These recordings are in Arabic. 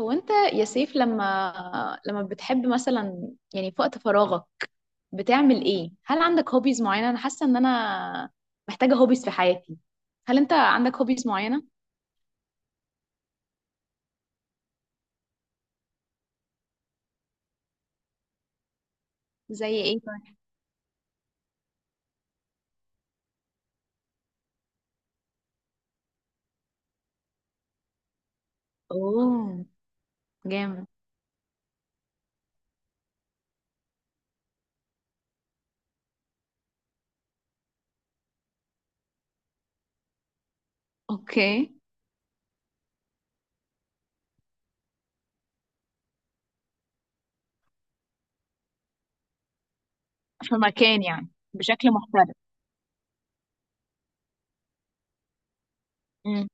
هو انت يا سيف لما بتحب مثلا يعني في وقت فراغك بتعمل ايه؟ هل عندك هوبيز معينة؟ انا حاسة ان انا محتاجة هوبيز في حياتي. هل انت عندك هوبيز معينة؟ زي ايه طيب؟ اوه، جامد. اوكي، في مكان يعني بشكل محترف. امم،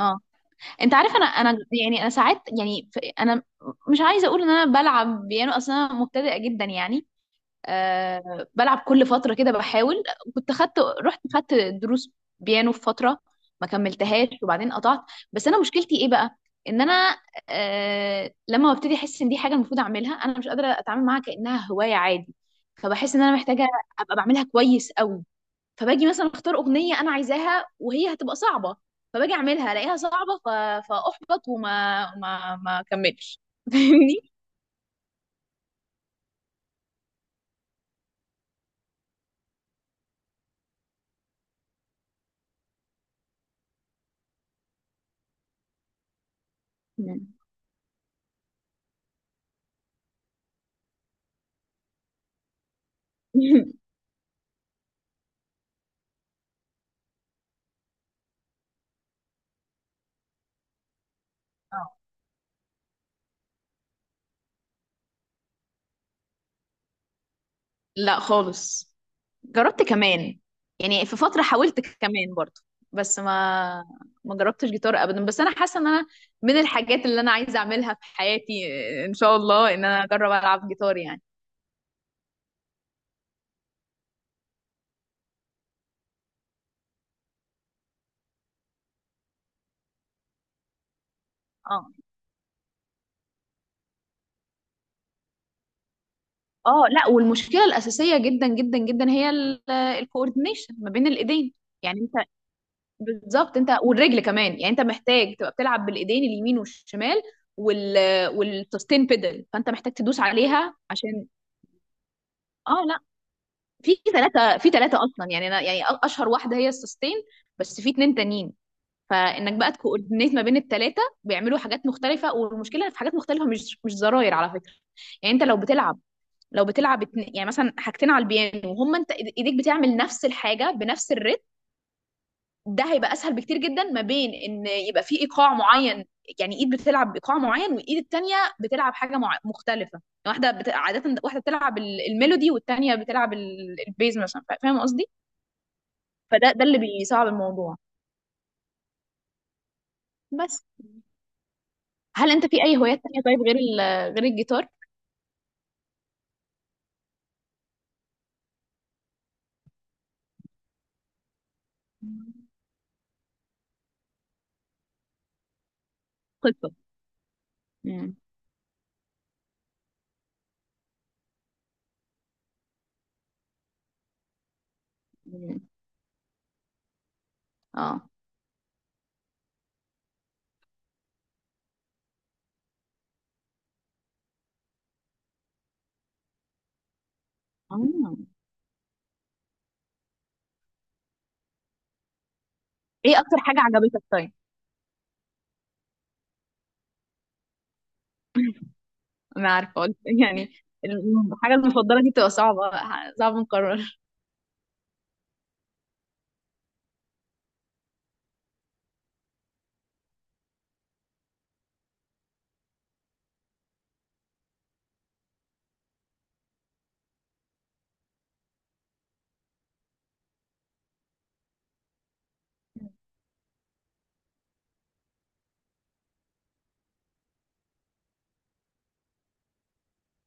اه، انت عارف، انا يعني انا ساعات يعني انا مش عايزة اقول ان انا بلعب بيانو، اصلا انا مبتدئة جدا يعني. أه، بلعب كل فترة كده بحاول. كنت خدت، رحت خدت دروس بيانو في فترة، ما كملتهاش وبعدين قطعت. بس أنا مشكلتي إيه بقى؟ إن أنا أه لما ببتدي أحس إن دي حاجة المفروض أعملها، أنا مش قادرة أتعامل معاها كأنها هواية عادي. فبحس إن أنا محتاجة أبقى بعملها كويس قوي. فباجي مثلا أختار أغنية أنا عايزاها وهي هتبقى صعبة، فباجي أعملها ألاقيها صعبة فأحبط وما ما ما أكملش فاهمني؟ لا خالص. جربت كمان، يعني في فترة حاولت كمان برضو، بس ما جربتش جيتار ابدا. بس انا حاسة ان انا من الحاجات اللي انا عايزة اعملها في حياتي ان شاء الله ان انا اجرب العب جيتار يعني. اه، اه لا، والمشكلة الأساسية جدا جدا جدا هي الكوردينيشن ما بين الايدين. يعني انت، بالظبط، انت والرجل كمان. يعني انت محتاج تبقى بتلعب بالايدين اليمين والشمال وال والسستين بيدل، فانت محتاج تدوس عليها عشان، اه لا، في ثلاثة، في ثلاثة أصلا. يعني أنا يعني أشهر واحدة هي السستين، بس في اتنين تانيين. فإنك بقى تكوردينيت ما بين الثلاثة بيعملوا حاجات مختلفة، والمشكلة في حاجات مختلفة، مش زراير على فكرة. يعني أنت لو بتلعب، لو بتلعب يعني مثلا حاجتين على البيانو وهم أنت إيديك بتعمل نفس الحاجة بنفس الريتم، ده هيبقى أسهل بكتير جدا ما بين إن يبقى في إيقاع معين. يعني إيد بتلعب بإيقاع معين والإيد التانية بتلعب حاجة مختلفة يعني. واحدة عادة واحدة بتلعب الميلودي والتانية بتلعب البيز مثلا، فاهم قصدي؟ فده اللي بيصعب الموضوع. بس هل انت في اي هوايات تانية طيب غير غير الجيتار؟ قصة. مم. مم. اه. آه. ايه اكتر حاجة عجبتك طيب؟ انا عارفة قلت يعني الحاجة المفضلة دي بتبقى صعبة، صعب نكرر.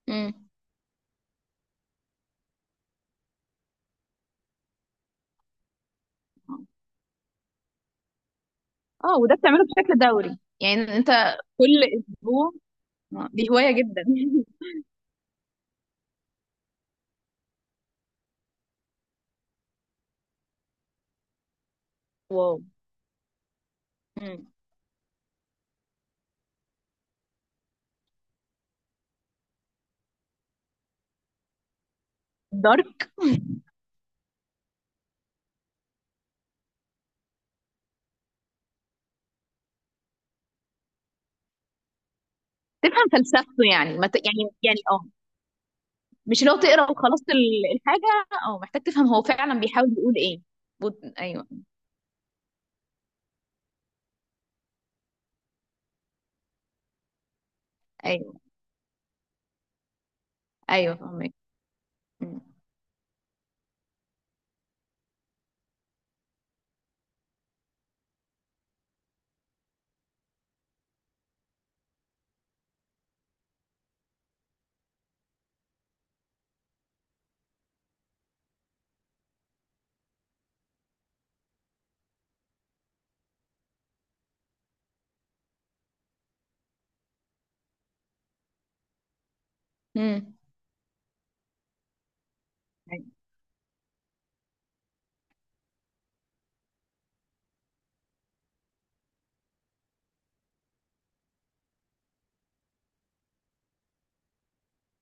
مم. اه، وده بتعمله بشكل دوري يعني انت؟ كل اسبوع؟ آه، دي هواية جدا. واو. مم. دارك. تفهم فلسفته يعني ما ت... يعني يعني آه. مش لو تقرا وخلصت الحاجه او محتاج تفهم هو فعلا بيحاول يقول ايه. ايوه. ايوه ايوه فهمك. مم. مم. أيوة.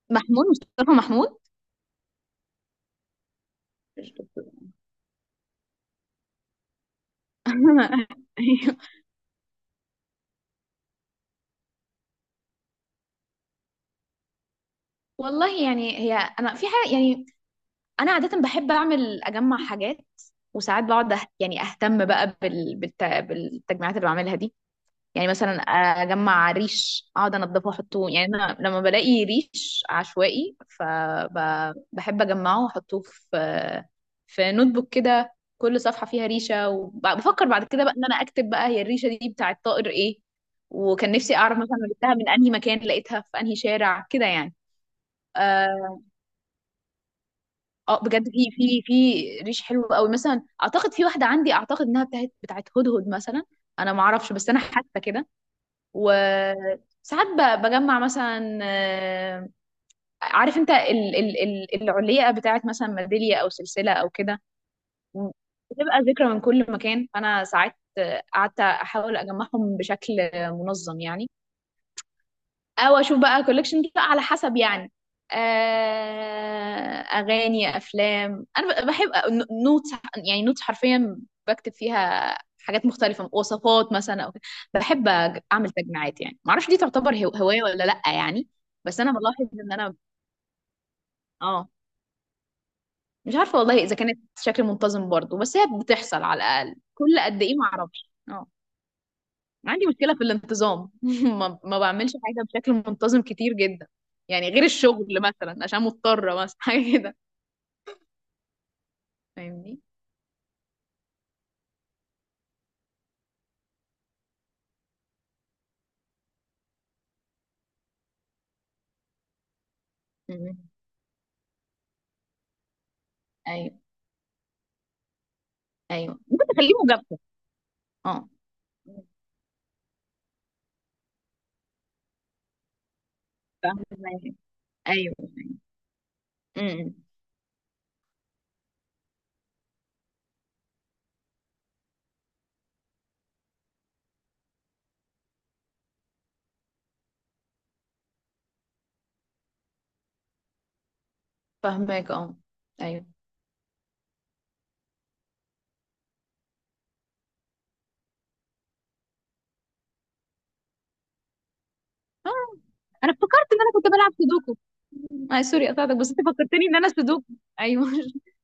محمود، مصطفى محمود. أيوة. والله يعني هي، انا في حاجه يعني، انا عاده بحب اعمل، اجمع حاجات. وساعات بقعد يعني اهتم بقى بالتجميعات اللي بعملها دي. يعني مثلا اجمع ريش، اقعد انضفه واحطه. يعني انا لما بلاقي ريش عشوائي فبحب اجمعه واحطه في في نوت بوك كده، كل صفحه فيها ريشه، وبفكر بعد كده بقى ان انا اكتب بقى هي الريشه دي بتاعت طائر ايه، وكان نفسي اعرف مثلا أنا جبتها من انهي مكان، لقيتها في انهي شارع كده يعني. اه، آه، بجد في، في ريش حلو قوي. مثلا اعتقد في واحده عندي اعتقد انها بتاعت، بتاعت هدهد مثلا. انا ما اعرفش بس انا حاسه كده. وساعات بجمع مثلا، آه، عارف انت ال العليقة بتاعت مثلا ميدالية او سلسلة او كده، بتبقى ذكرى من كل مكان. فانا ساعات، آه، قعدت احاول اجمعهم بشكل، آه، منظم يعني. او اشوف بقى كولكشن بقى على حسب يعني، آه، اغاني، افلام. انا بحب نوتس، يعني نوتس حرفيا بكتب فيها حاجات مختلفة، وصفات مثلا او كده. بحب اعمل تجميعات. يعني ما اعرفش دي تعتبر هواية ولا لا يعني. بس انا بلاحظ ان انا، اه، مش عارفة والله اذا كانت بشكل منتظم برضو، بس هي بتحصل على الاقل كل قد ايه؟ ما اعرفش. اه، عندي مشكلة في الانتظام. ما بعملش حاجة بشكل منتظم كتير جدا. يعني غير الشغل مثلا عشان مضطرة مثلا حاجة كده. فاهمني؟ مم. ايوه. ايوه، ممكن تخليه مجابكة. اه، فاهمك. ايوه. امم. فاهمك. اه. ايوه. آه. انا افتكرت ان انا كنت بلعب سودوكو. آه سوري قطعتك بس انت فكرتني ان انا سودوكو. ايوه.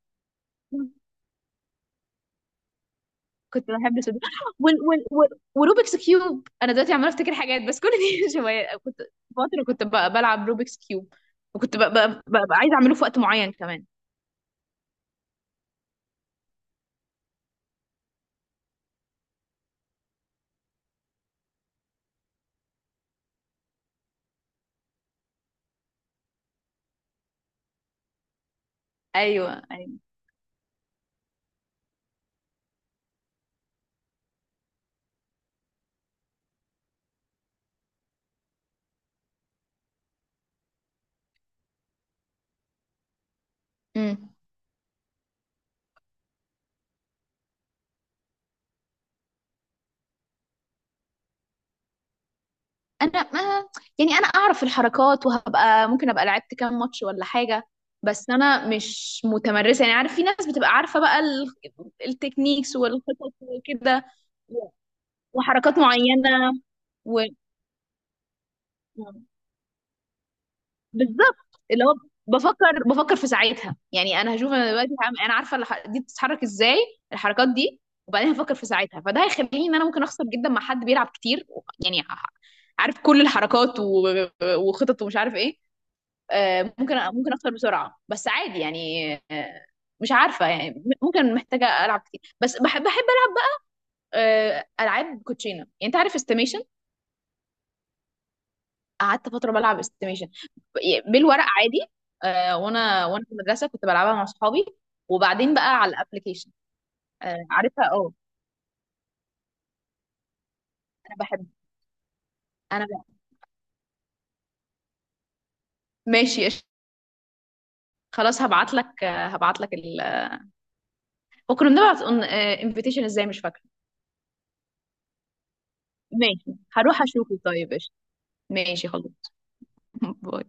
كنت بحب سودوكو وال وال وال وروبكس كيوب. انا دلوقتي عماله افتكر حاجات بس كل دي شويه. كنت فتره كنت بلعب روبكس كيوب، وكنت عايزه اعمله في وقت معين كمان. ايوه. ايوه. امم. انا ما يعني انا اعرف الحركات، وهبقى ممكن ابقى لعبت كام ماتش ولا حاجه، بس انا مش متمرسه يعني. عارف في ناس بتبقى عارفه بقى التكنيكس والخطط وكده وحركات معينه و... بالظبط، اللي هو بفكر في ساعتها. يعني انا هشوف، انا دلوقتي انا عارفه دي بتتحرك ازاي، الحركات دي، وبعدين هفكر في ساعتها، فده هيخليني ان انا ممكن اخسر جدا مع حد بيلعب كتير. يعني عارف كل الحركات وخطط ومش عارف ايه. آه، ممكن اخسر بسرعه بس عادي يعني. آه، مش عارفه يعني، ممكن محتاجه العب كتير. بس بحب، ألعب، آه، العاب كوتشينه. يعني انت عارف استيميشن؟ قعدت فتره بلعب استيميشن بالورق عادي. آه، وانا في المدرسه كنت بلعبها مع صحابي، وبعدين بقى على الابلكيشن. آه، عارفها. اه، انا بحب. انا بقى. ماشي قشطة. خلاص، هبعت لك، هبعت لك وكنا بنبعت انفيتيشن ازاي مش فاكره. ماشي، هروح اشوفه طيب. قشطة. ماشي خلاص. باي.